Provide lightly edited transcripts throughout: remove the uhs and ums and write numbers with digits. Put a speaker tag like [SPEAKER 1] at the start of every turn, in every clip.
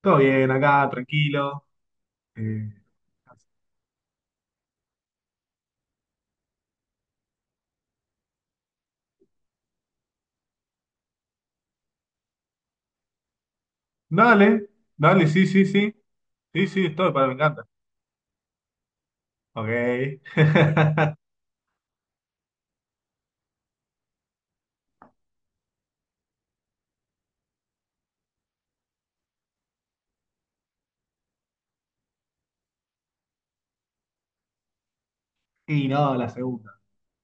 [SPEAKER 1] Todo bien, acá, tranquilo. Eh, Dale, dale, sí, sí, sí. Sí, sí, estoy, para, me encanta. Ok. Y no, la segunda.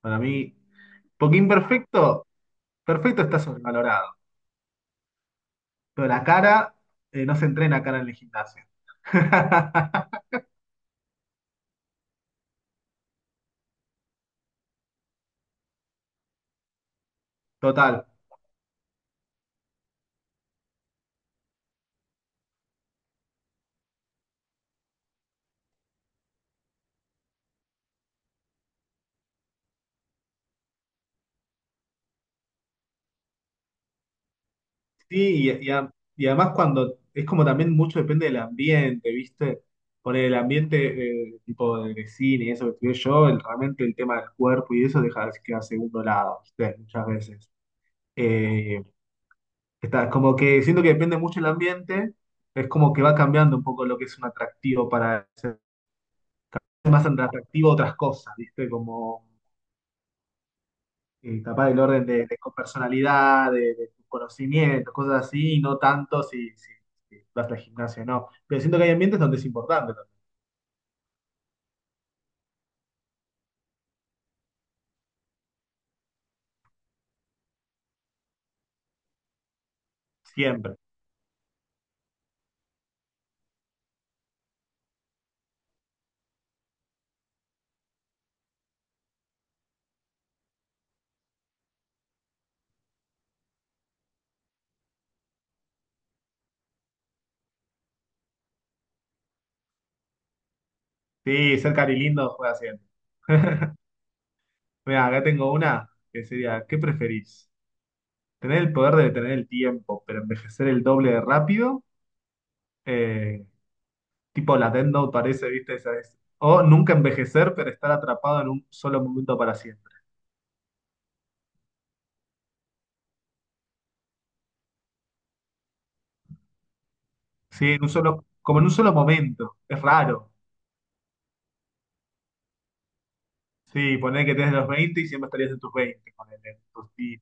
[SPEAKER 1] Para mí, porque imperfecto, perfecto está sobrevalorado. Pero la cara, no se entrena cara en el gimnasio. Total. Sí, y, y a- y además cuando es como también mucho depende del ambiente, ¿viste? Por el ambiente tipo de cine y eso que estudié yo, realmente el tema del cuerpo y eso deja que a segundo lado, ¿viste? Muchas veces. Eh, Está, como que siento que depende mucho el ambiente, es como que va cambiando un poco lo que es un atractivo para ser más atractivo otras cosas, ¿viste? Como capaz del orden de personalidad, de tus conocimientos, cosas así, y no tanto si vas al gimnasio o no. Pero siento que hay ambientes donde es importante, también, siempre. Sí, ser cari lindo juega siempre. Mira, acá tengo una que sería, ¿qué preferís? ¿Tener el poder de detener el tiempo, pero envejecer el doble de rápido? Eh, Tipo la Death Note parece, ¿viste? Esa es. O nunca envejecer, pero estar atrapado en un solo momento para siempre. Sí, en un solo, como en un solo momento. Es raro. Sí, poner que tenés los 20 y siempre estarías en tus 20. Ponele, en tus 10.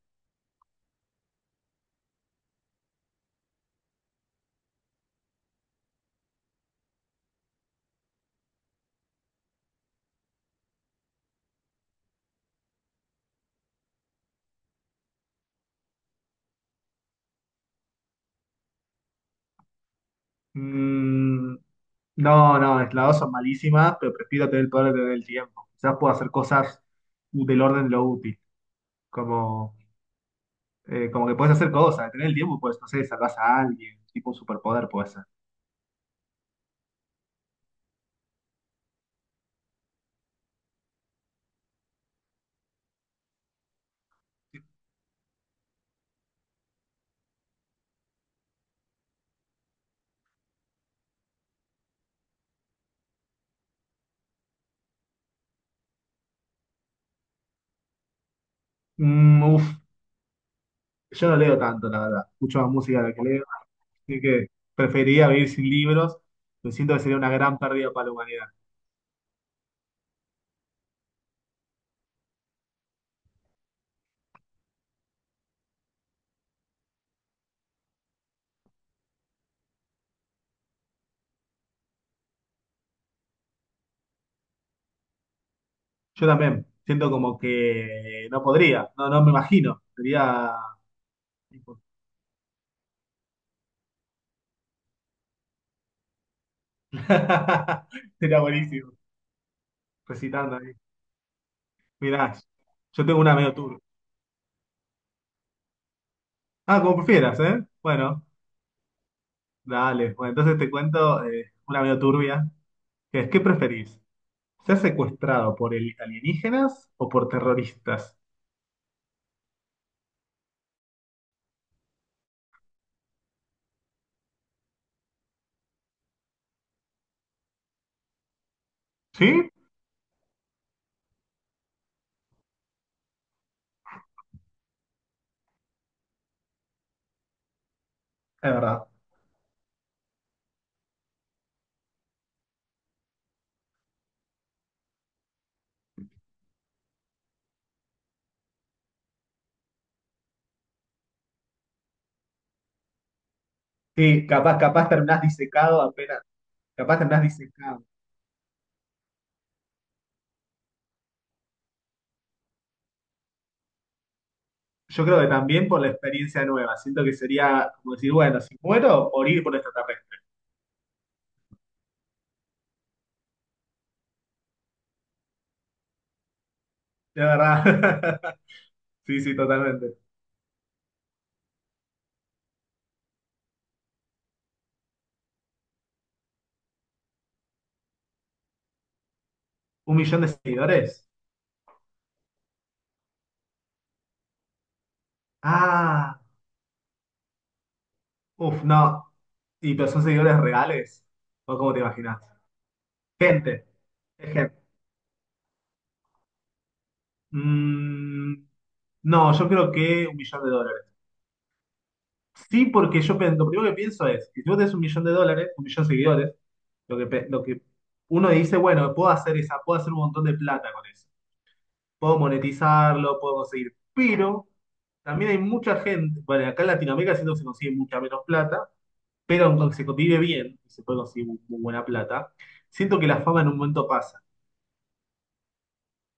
[SPEAKER 1] Mm, no, no, las dos son malísimas, pero prefiero tener el poder de tener el tiempo. Quizás puedo hacer cosas del orden de lo útil, como, como que puedes hacer cosas, tener el tiempo, pues, no sé, salvas a alguien, tipo un superpoder puede ser. Uf, yo no leo tanto, la verdad, escucho más música de la que leo, así que preferiría vivir sin libros, me siento que sería una gran pérdida para la humanidad. Yo también. Siento como que no podría. No, no me imagino. Sería. Sería buenísimo. Recitando ahí. Mirá, yo tengo una medio turbia. Ah, como prefieras, ¿eh? Bueno, dale. Bueno, entonces te cuento una medio turbia. Que es, ¿qué preferís? ¿Ser secuestrado por alienígenas o por terroristas? ¿Sí? Es verdad. Sí, capaz terminás disecado apenas. Capaz terminás disecado. Yo creo que también por la experiencia nueva. Siento que sería como decir, bueno, si muero, morir por extraterrestre. De verdad. Sí, sí, totalmente. ¿Un millón de seguidores? Ah, uff, no. ¿Y pero son seguidores reales? ¿O cómo te imaginas? Gente. Es gente. Mm, no, yo creo que un millón de dólares. Sí, porque lo primero que pienso es, que si tú tenés un millón de dólares, un millón de seguidores, lo que uno dice, bueno, puedo hacer un montón de plata con eso. Puedo monetizarlo, puedo conseguir. Pero también hay mucha gente, bueno, acá en Latinoamérica siento que se consigue mucha menos plata, pero aunque se vive bien y se puede conseguir muy, muy buena plata, siento que la fama en un momento pasa.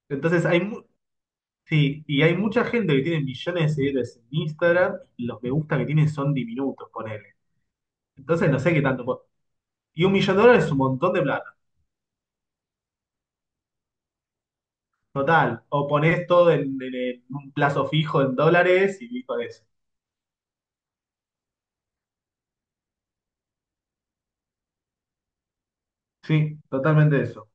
[SPEAKER 1] Entonces sí, y hay mucha gente que tiene millones de seguidores en Instagram, y los me gusta que tienen son diminutos, ponele. Entonces no sé qué tanto. Y un millón de dólares es un montón de plata, total. O ponés todo en, en un plazo fijo en dólares y listo eso. Sí, totalmente eso.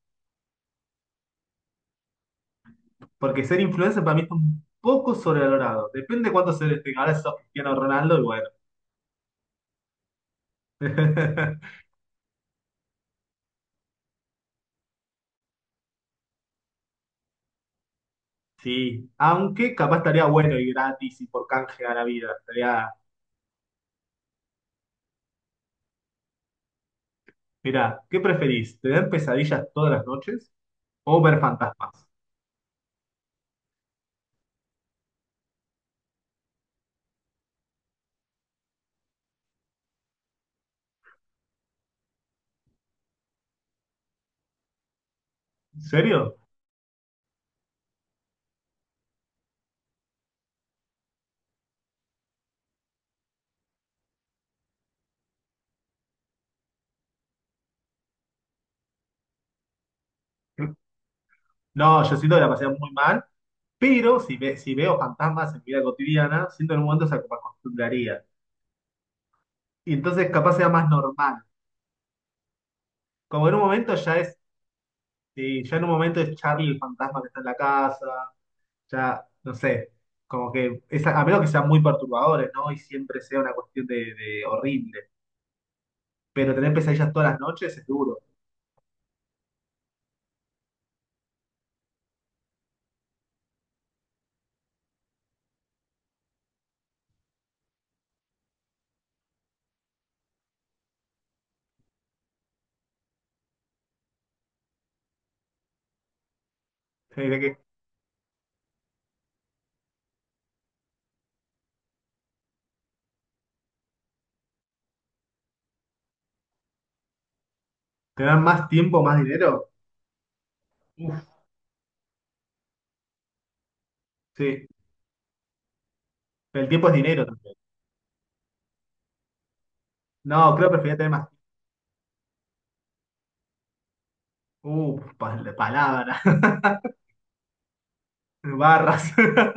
[SPEAKER 1] Porque ser influencer para mí está un poco sobrevalorado. Depende de cuánto se le tenga. Ahora sos Cristiano Ronaldo y bueno. Sí, aunque capaz estaría bueno y gratis y por canje a la vida. Mirá, ¿qué preferís? ¿Tener pesadillas todas las noches o ver fantasmas? ¿En serio? No, yo siento que la pasé muy mal, pero si veo fantasmas en mi vida cotidiana, siento en un momento se me acostumbraría. Y entonces capaz sea más normal. Como en un momento ya es, sí, ya en un momento es Charlie el fantasma que está en la casa, ya, no sé, como que, es a menos que sean muy perturbadores, ¿no? Y siempre sea una cuestión de horrible. Pero tener pesadillas todas las noches es duro. Tener que- Tener más tiempo, más dinero, uff, sí. Pero el tiempo es dinero también. No, creo que preferiría tener más, uff, palabras, barras.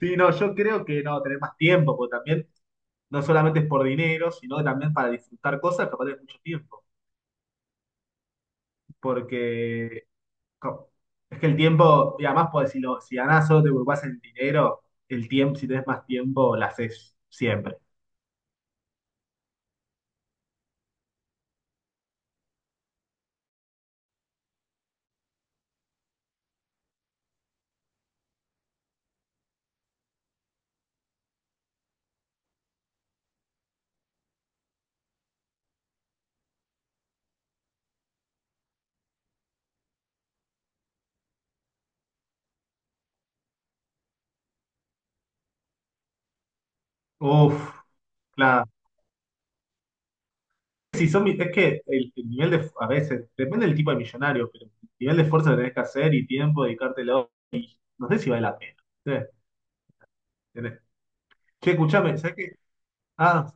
[SPEAKER 1] Sí, no, yo creo que no, tener más tiempo, porque también no solamente es por dinero, sino que también para disfrutar cosas, capaz de mucho tiempo. Porque co- Es que el tiempo, y además, pues, si ganás solo te preocupás en el dinero, el tiempo, si tenés más tiempo, la haces siempre. Uf, claro. Si son, mi- Es que el nivel de, a veces, depende del tipo de millonario, pero el nivel de esfuerzo que tenés que hacer y tiempo, dedicártelo, no sé si vale la pena. Sí, tenés- Che, escuchame, ¿sabés qué? Ah,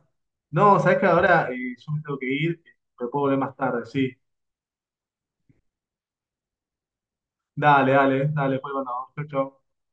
[SPEAKER 1] no, ¿sabés que ahora yo me tengo que ir? Me puedo volver más tarde, sí. Dale, dale, dale, pues, bueno, chau, chau.